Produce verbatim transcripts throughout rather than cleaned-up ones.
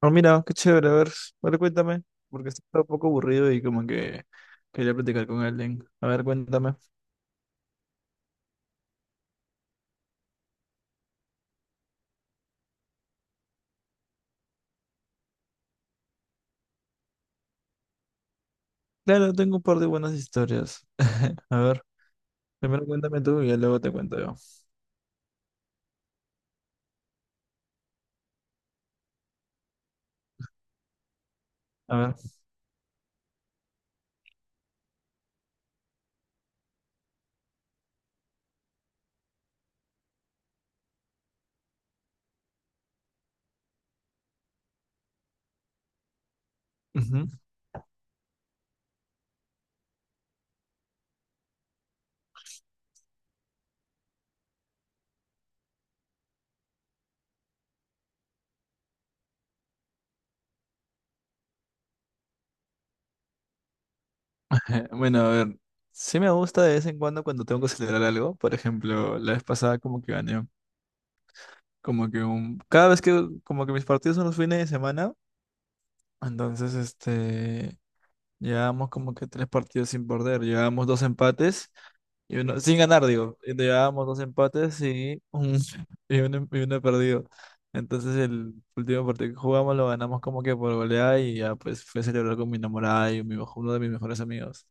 Ah, mira, qué chévere, a ver, a ver, cuéntame, porque estaba un poco aburrido y como que quería platicar con alguien. A ver, cuéntame. Claro, tengo un par de buenas historias. A ver, primero cuéntame tú y ya luego te cuento yo. A ver. ujú. Bueno, a ver, sí me gusta de vez en cuando cuando tengo que celebrar algo. Por ejemplo, la vez pasada como que gané, como que un... Cada vez que como que mis partidos son los fines de semana, entonces este... Llevábamos como que tres partidos sin perder, llevábamos dos empates. Y uno, sin ganar, digo. Y Llevábamos dos empates y un, y uno, y uno perdido. Entonces el último partido que jugamos lo ganamos como que por goleada y ya pues fui a celebrar con mi enamorada y mi, uno de mis mejores amigos.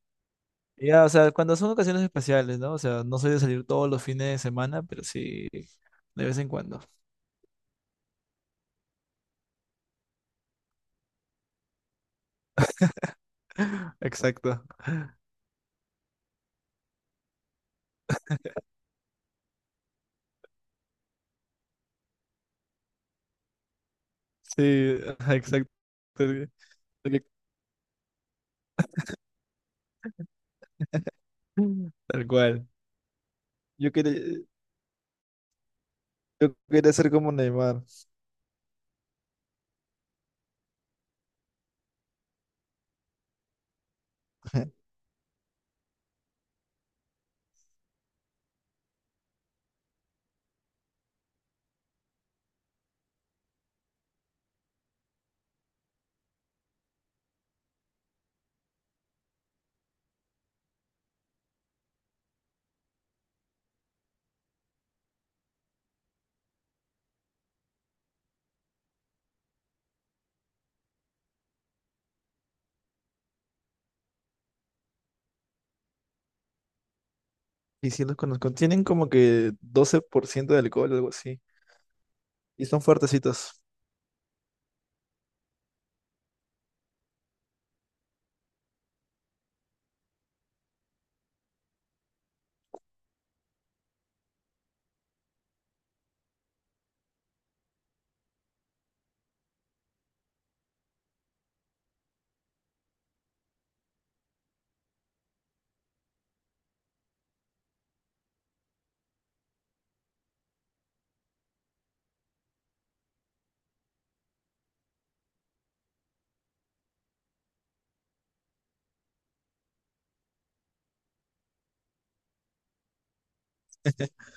Y ya, o sea, cuando son ocasiones especiales, ¿no? O sea, no soy de salir todos los fines de semana, pero sí de vez en cuando. Exacto. Sí, ajá, exacto. Tal tal- tal cual. Yo quería, yo quería ser como Neymar. Y sí los conozco. Tienen como que doce por ciento de alcohol o algo así. Y son fuertecitos.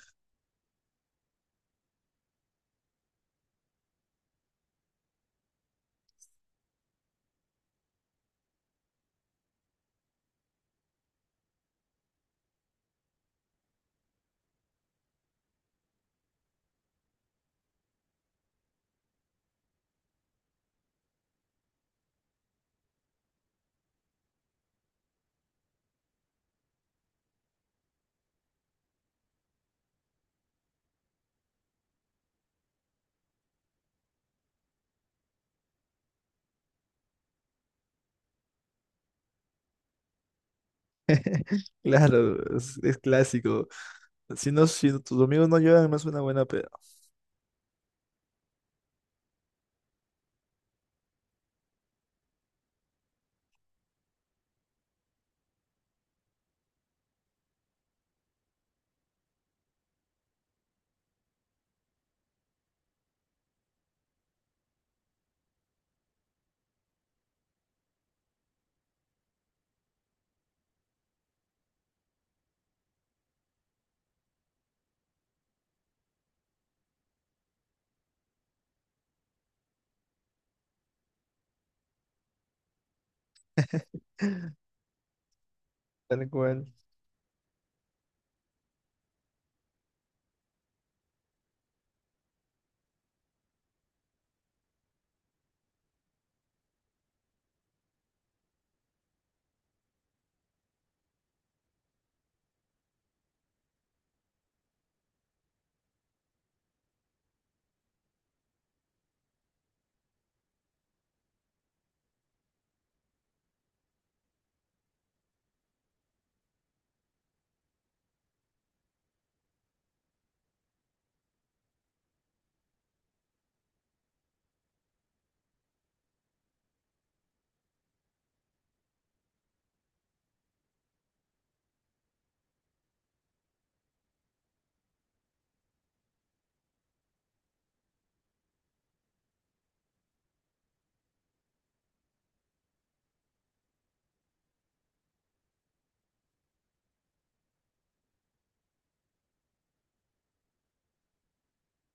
Claro, es, es clásico. Si no, si tus amigos no llevan, no es una buena peda. Tal cual.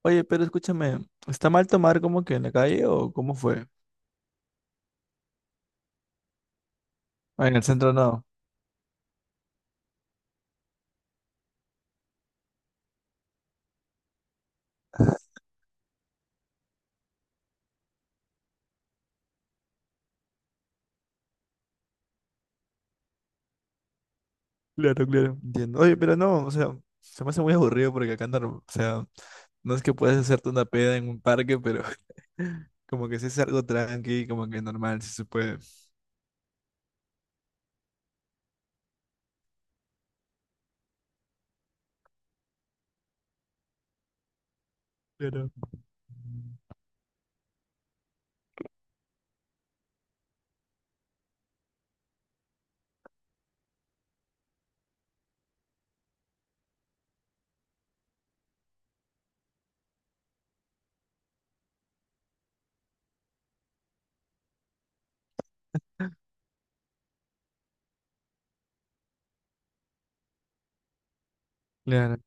Oye, pero escúchame, ¿está mal tomar como que en la calle o cómo fue? Ah, en el centro no. Claro, claro. Entiendo. Oye, pero no, o sea, se me hace muy aburrido porque acá no, o sea, no es que puedes hacerte una peda en un parque, pero como que si es algo tranqui, como que normal, si se puede. Claro. Claro,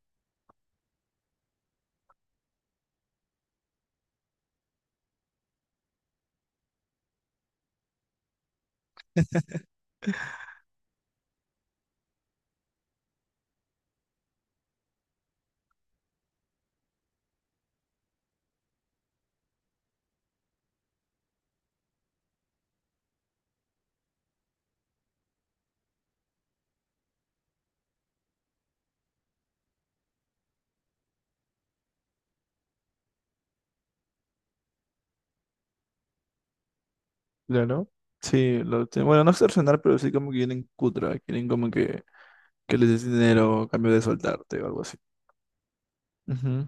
claro. Sí, lo, te- bueno, no extorsionar, pero sí como que quieren cutra, quieren como que, que les des dinero a cambio de soltarte o algo así. Ujú.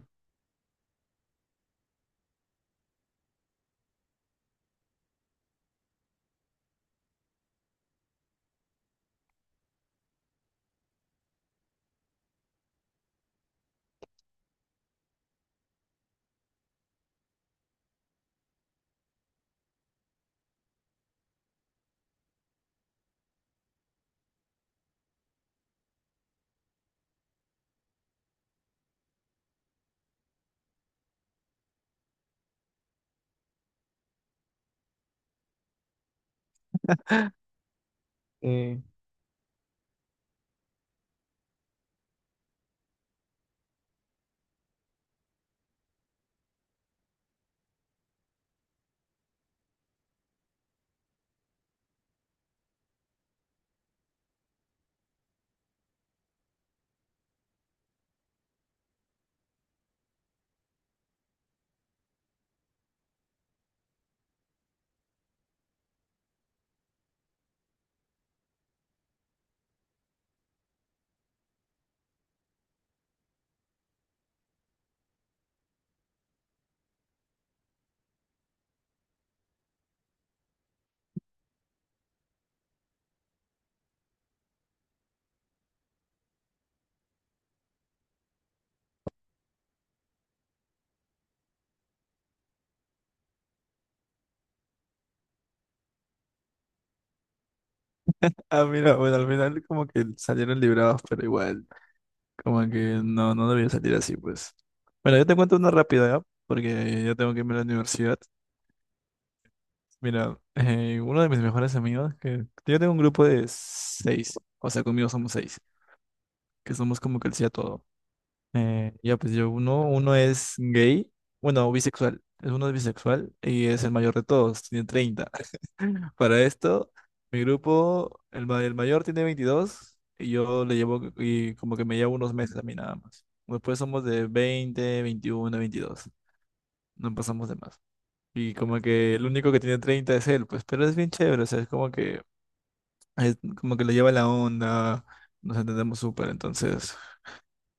Eh, Ah, mira, bueno, al final como que salieron librados, pero igual, como que no, no debía salir así, pues. Bueno, yo te cuento una rápida, ¿ya? Porque ya tengo que irme a la universidad. Mira, eh, uno de mis mejores amigos, que yo tengo un grupo de seis, o sea, conmigo somos seis, que somos como que el sí a todo. Eh, ya, pues yo uno, uno es gay, bueno, bisexual, es uno es bisexual y es el mayor de todos, tiene treinta. Para esto, mi grupo, el, ma- el mayor tiene veintidós y yo le llevo y como que me llevo unos meses a mí nada más. Después somos de veinte veintiuno veintidós, no pasamos de más. Y como que el único que tiene treinta es él, pues, pero es bien chévere, o sea, es como que, es como que le lleva la onda, nos entendemos súper, entonces.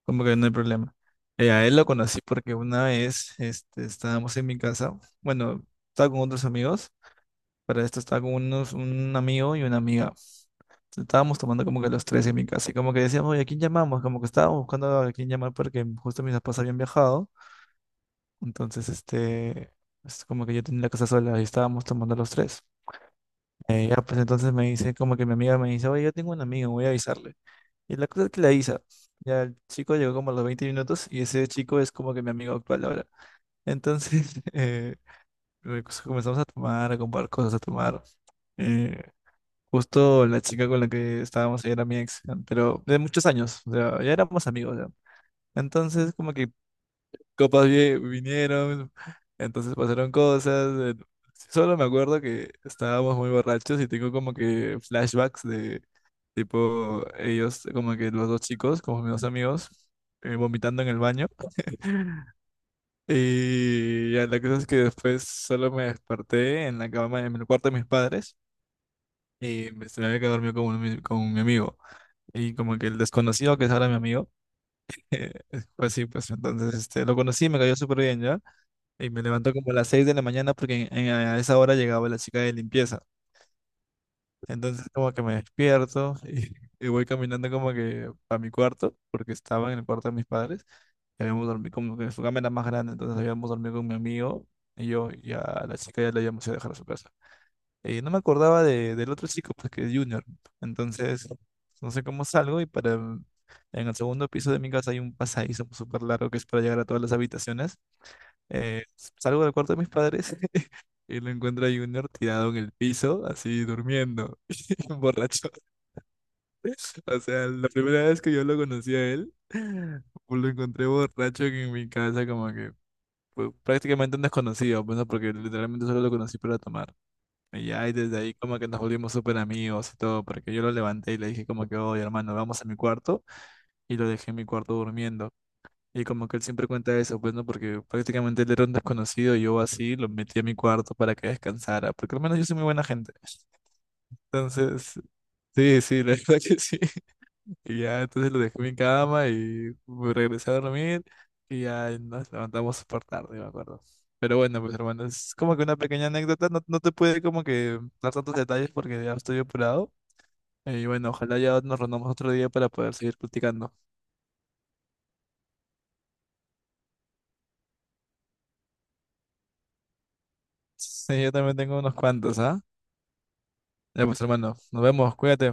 Como que no hay problema. Eh, a él lo conocí porque una vez este, estábamos en mi casa. Bueno, estaba con otros amigos. Para esto estaba con unos, un amigo y una amiga. Estábamos tomando como que los tres en mi casa. Y como que decíamos, oye, ¿a quién llamamos? Como que estábamos buscando a quién llamar porque justo mis papás habían viajado. Entonces, este, es como que yo tenía la casa sola y estábamos tomando los tres. Eh, ya, pues entonces me dice, como que mi amiga me dice, oye, yo tengo un amigo, voy a avisarle. Y la cosa es que la Isa, ya el chico llegó como a los veinte minutos y ese chico es como que mi amigo actual ahora. Entonces, eh, re- pues comenzamos a tomar, a comprar cosas, a tomar. Eh, Justo la chica con la que estábamos ahí era mi ex, pero de muchos años, o sea, ya éramos amigos, ya. Entonces, como que copas vi- vinieron, entonces pasaron cosas. eh, Solo me acuerdo que estábamos muy borrachos y tengo como que flashbacks. Tipo, ellos, como que los dos chicos, como mis dos amigos, eh, vomitando en el baño. Y ya la cosa es que después solo me desperté en la cama, en el cuarto de mis padres. Y me se me había quedado dormido con, un ami- con mi amigo. Y como que el desconocido, que es ahora mi amigo, eh, fue así, pues entonces este, lo conocí, me cayó súper bien ya. Y me levantó como a las seis de la mañana porque en- en- a esa hora llegaba la chica de limpieza. Entonces como que me despierto y, y voy caminando como que a mi cuarto, porque estaba en el cuarto de mis padres. y habíamos dormido como que su cama era más grande, entonces habíamos dormido con mi amigo y yo y a la chica ya la habíamos ido a dejar a su casa. Y no me acordaba de, del otro chico, pues que es Junior. Entonces, no sé cómo salgo y para... mm, En el segundo piso de mi casa hay un pasadizo súper largo que es para llegar a todas las habitaciones. Eh, Salgo del cuarto de mis padres y lo encuentro a Junior tirado en el piso, así durmiendo, borracho. O sea, la primera vez que yo lo conocí a él, pues lo encontré borracho en mi casa, como que pues, prácticamente un desconocido, pues, ¿no? Porque literalmente solo lo conocí para tomar. Y ya, y desde ahí como que nos volvimos súper amigos y todo, porque yo lo levanté y le dije como que, oye, hermano, vamos a mi cuarto, y lo dejé en mi cuarto durmiendo. Y como que él siempre cuenta eso, pues, ¿no? Porque prácticamente él era un desconocido, y yo así lo metí a mi cuarto para que descansara, porque al menos yo soy muy buena gente. Entonces, sí, sí, la verdad que sí. Y ya, entonces lo dejé en mi cama y me regresé a dormir y ya nos levantamos súper tarde, me acuerdo. Pero bueno, pues hermano, es como que una pequeña anécdota, no, no te puede como que dar tantos detalles porque ya estoy apurado. Y bueno, ojalá ya nos reunamos otro día para poder seguir platicando. Sí, yo también tengo unos cuantos, ¿ah? Ya pues hermano, nos vemos, cuídate.